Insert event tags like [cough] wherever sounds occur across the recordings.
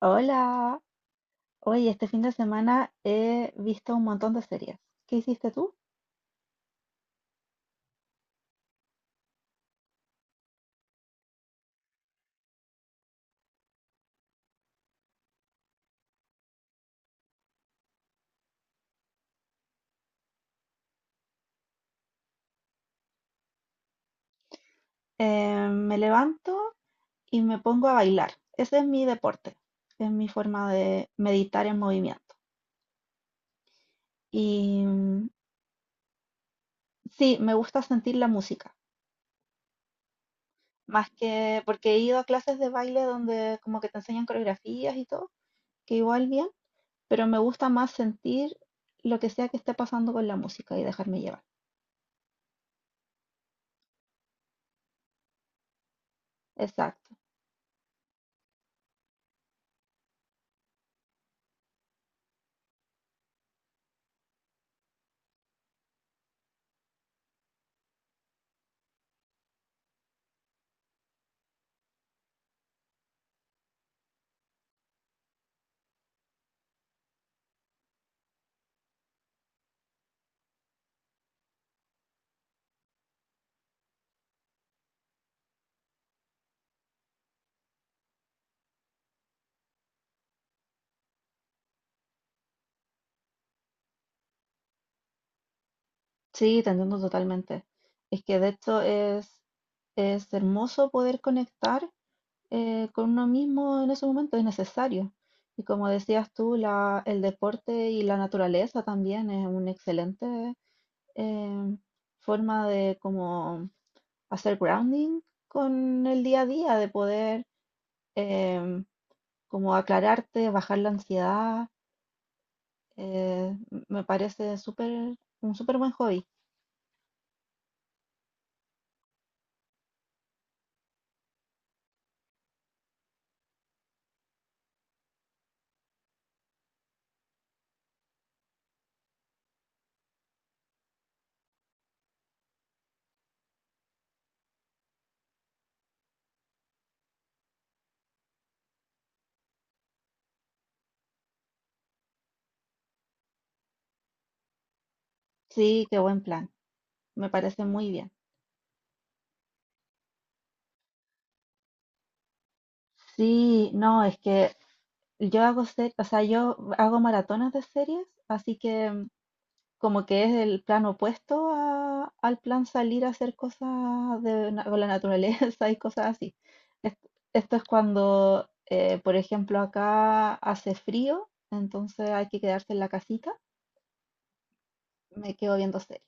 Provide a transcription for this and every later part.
Hola, oye, este fin de semana he visto un montón de series. ¿Qué hiciste tú? Me levanto y me pongo a bailar. Ese es mi deporte, es mi forma de meditar en movimiento. Y mm, sí, me gusta sentir la música, más que porque he ido a clases de baile donde como que te enseñan coreografías y todo, que igual bien, pero me gusta más sentir lo que sea que esté pasando con la música y dejarme llevar. Exacto. Sí, te entiendo totalmente. Es que de hecho Es hermoso poder conectar con uno mismo en ese momento, es necesario. Y como decías tú, el deporte y la naturaleza también es una excelente eh, forma de como hacer grounding con el día a día, de poder em, como aclararte, bajar la ansiedad. Me parece un súper buen hobby. Sí, qué buen plan. Me parece muy bien. Sí, no, es que yo hago maratones de series, así que mm, como que es el plan opuesto al plan salir a hacer cosas con la naturaleza [laughs] y cosas así. Es- Esto, es cuando, por ejemplo, acá hace frío, entonces hay que quedarse en la casita, me quedo viendo series.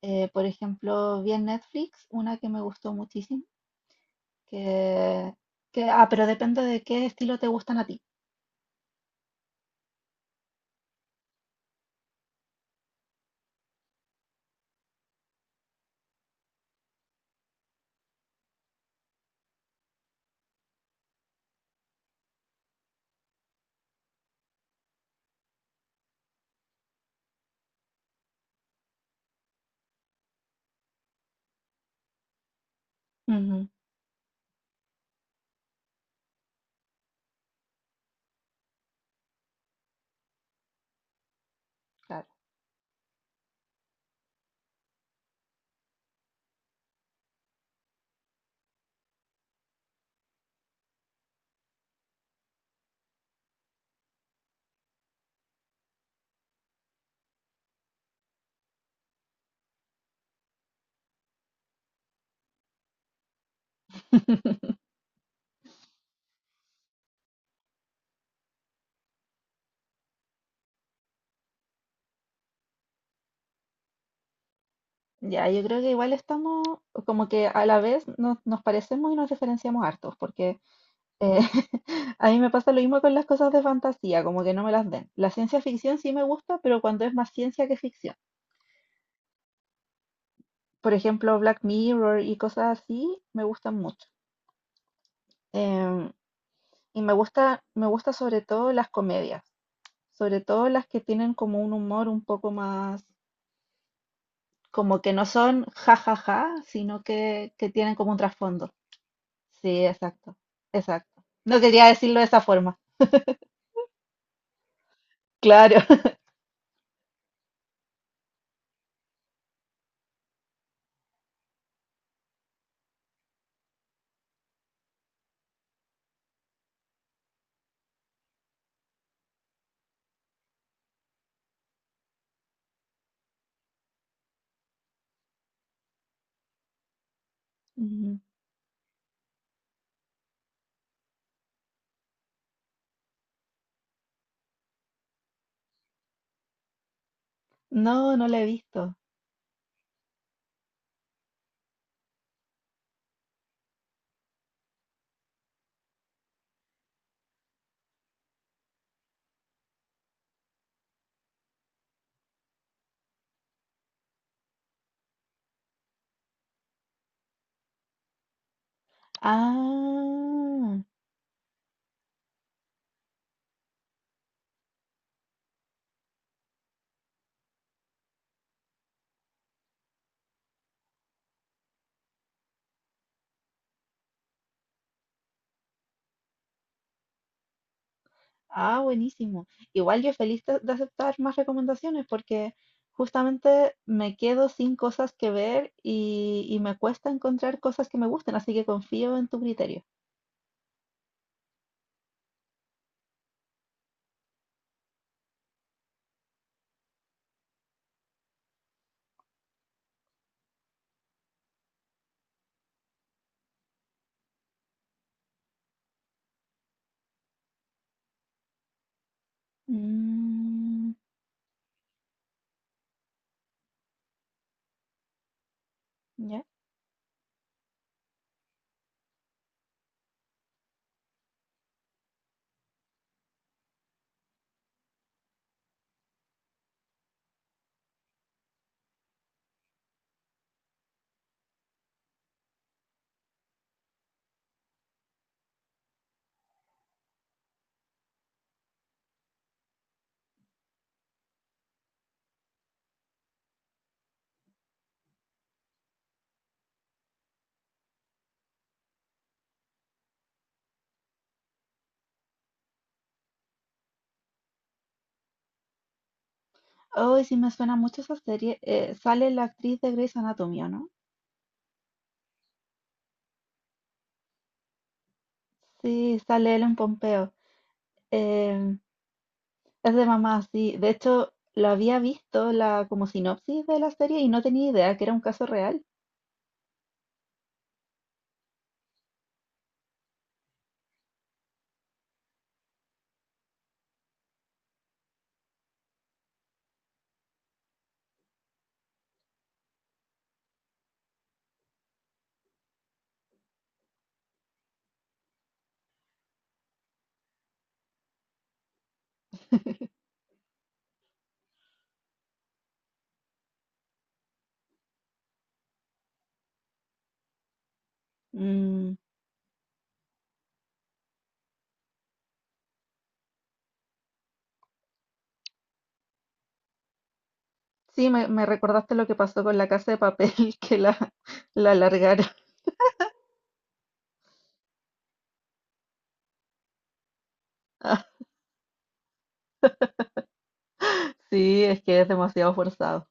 Por ejemplo, vi en Netflix una que me gustó muchísimo, que, ah, pero depende de qué estilo te gustan a ti. Ujú, claro. Ya, yo creo que igual estamos como que a la vez nos parecemos y nos diferenciamos hartos, porque eh, [laughs] a mí me pasa lo mismo con las cosas de fantasía, como que no me las den. La ciencia ficción sí me gusta, pero cuando es más ciencia que ficción. Por ejemplo, Black Mirror y cosas así me gustan mucho. Em, y me gusta sobre todo las comedias, sobre todo las que tienen como un humor un poco más, como que no son jajaja, sino que tienen como un trasfondo. Sí, exacto, exacto. No quería decirlo de esa forma. Claro. [laughs] Ujú. No, no la he visto. Ah, ah, buenísimo. Igual yo feliz de aceptar más recomendaciones porque justamente me quedo sin cosas que ver y me cuesta encontrar cosas que me gusten, así que confío en tu criterio. Mm, ya. Oh, sí me suena mucho esa serie. Sale la actriz de Grey's Anatomy, ¿o no? Sí, sale Ellen Pompeo. Es de mamá, sí. De hecho, lo había visto la como sinopsis de la serie y no tenía idea que era un caso real. Mm, sí, me recordaste lo que pasó con La Casa de Papel, [laughs] que la alargaron. [laughs] Sí, es que es demasiado forzado.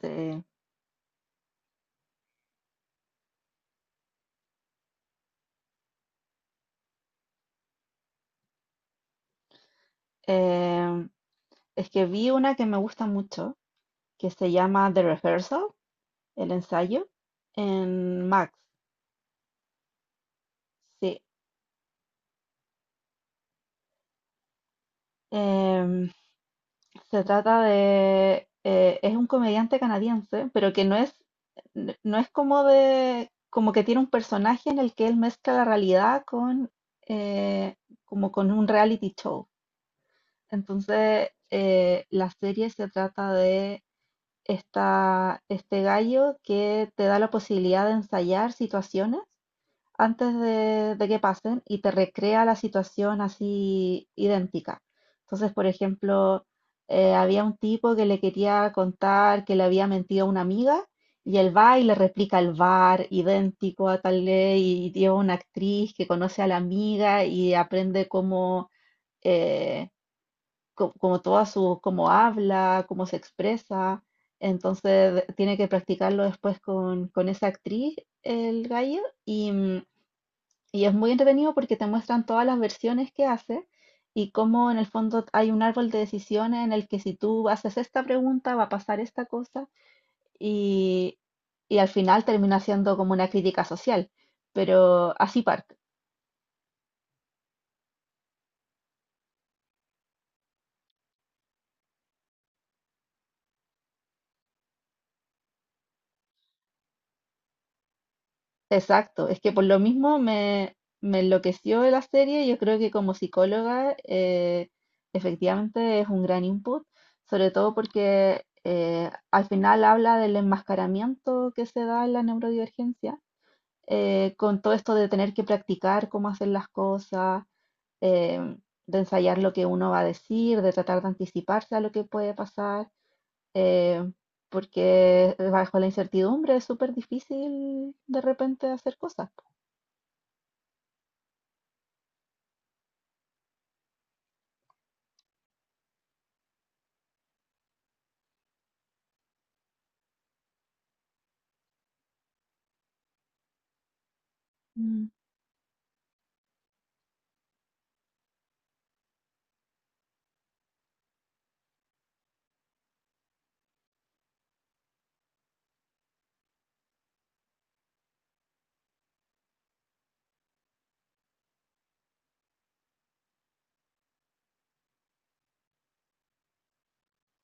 Sí. Em, es que vi una que me gusta mucho, que se llama The Rehearsal, el ensayo, en Max. Sí. Em, Se trata de... es un comediante canadiense, pero que no es, n- no es como de... como que tiene un personaje en el que él mezcla la realidad con... eh, como con un reality show. Entonces, la serie se trata de este gallo que te da la posibilidad de ensayar situaciones antes de que pasen y te recrea la situación así idéntica. Entonces, por ejemplo, había un tipo que le quería contar que le había mentido a una amiga y él va y le replica el bar idéntico a tal ley y lleva una actriz que conoce a la amiga y aprende cómo, eh, como toda su, cómo habla, cómo se expresa. Entonces tiene que practicarlo después con esa actriz, el gallo, y, mm, y es muy entretenido porque te muestran todas las versiones que hace y cómo en el fondo hay un árbol de decisiones en el que si tú haces esta pregunta va a pasar esta cosa y, y al final termina siendo como una crítica social. Pero así Park, exacto, es que por lo mismo me enloqueció la serie. Yo creo que como psicóloga efectivamente es un gran input, sobre todo porque al final habla del enmascaramiento que se da en la neurodivergencia con todo esto de tener que practicar cómo hacer las cosas, em, de ensayar lo que uno va a decir, de tratar de anticiparse a lo que puede pasar, em, porque bajo la incertidumbre es súper difícil de repente hacer cosas. Po. Mm.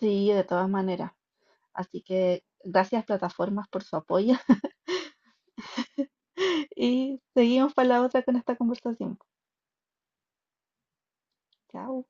Sí, de todas maneras. Así que gracias plataformas por su apoyo [laughs] y seguimos para la otra con esta conversación. Chao.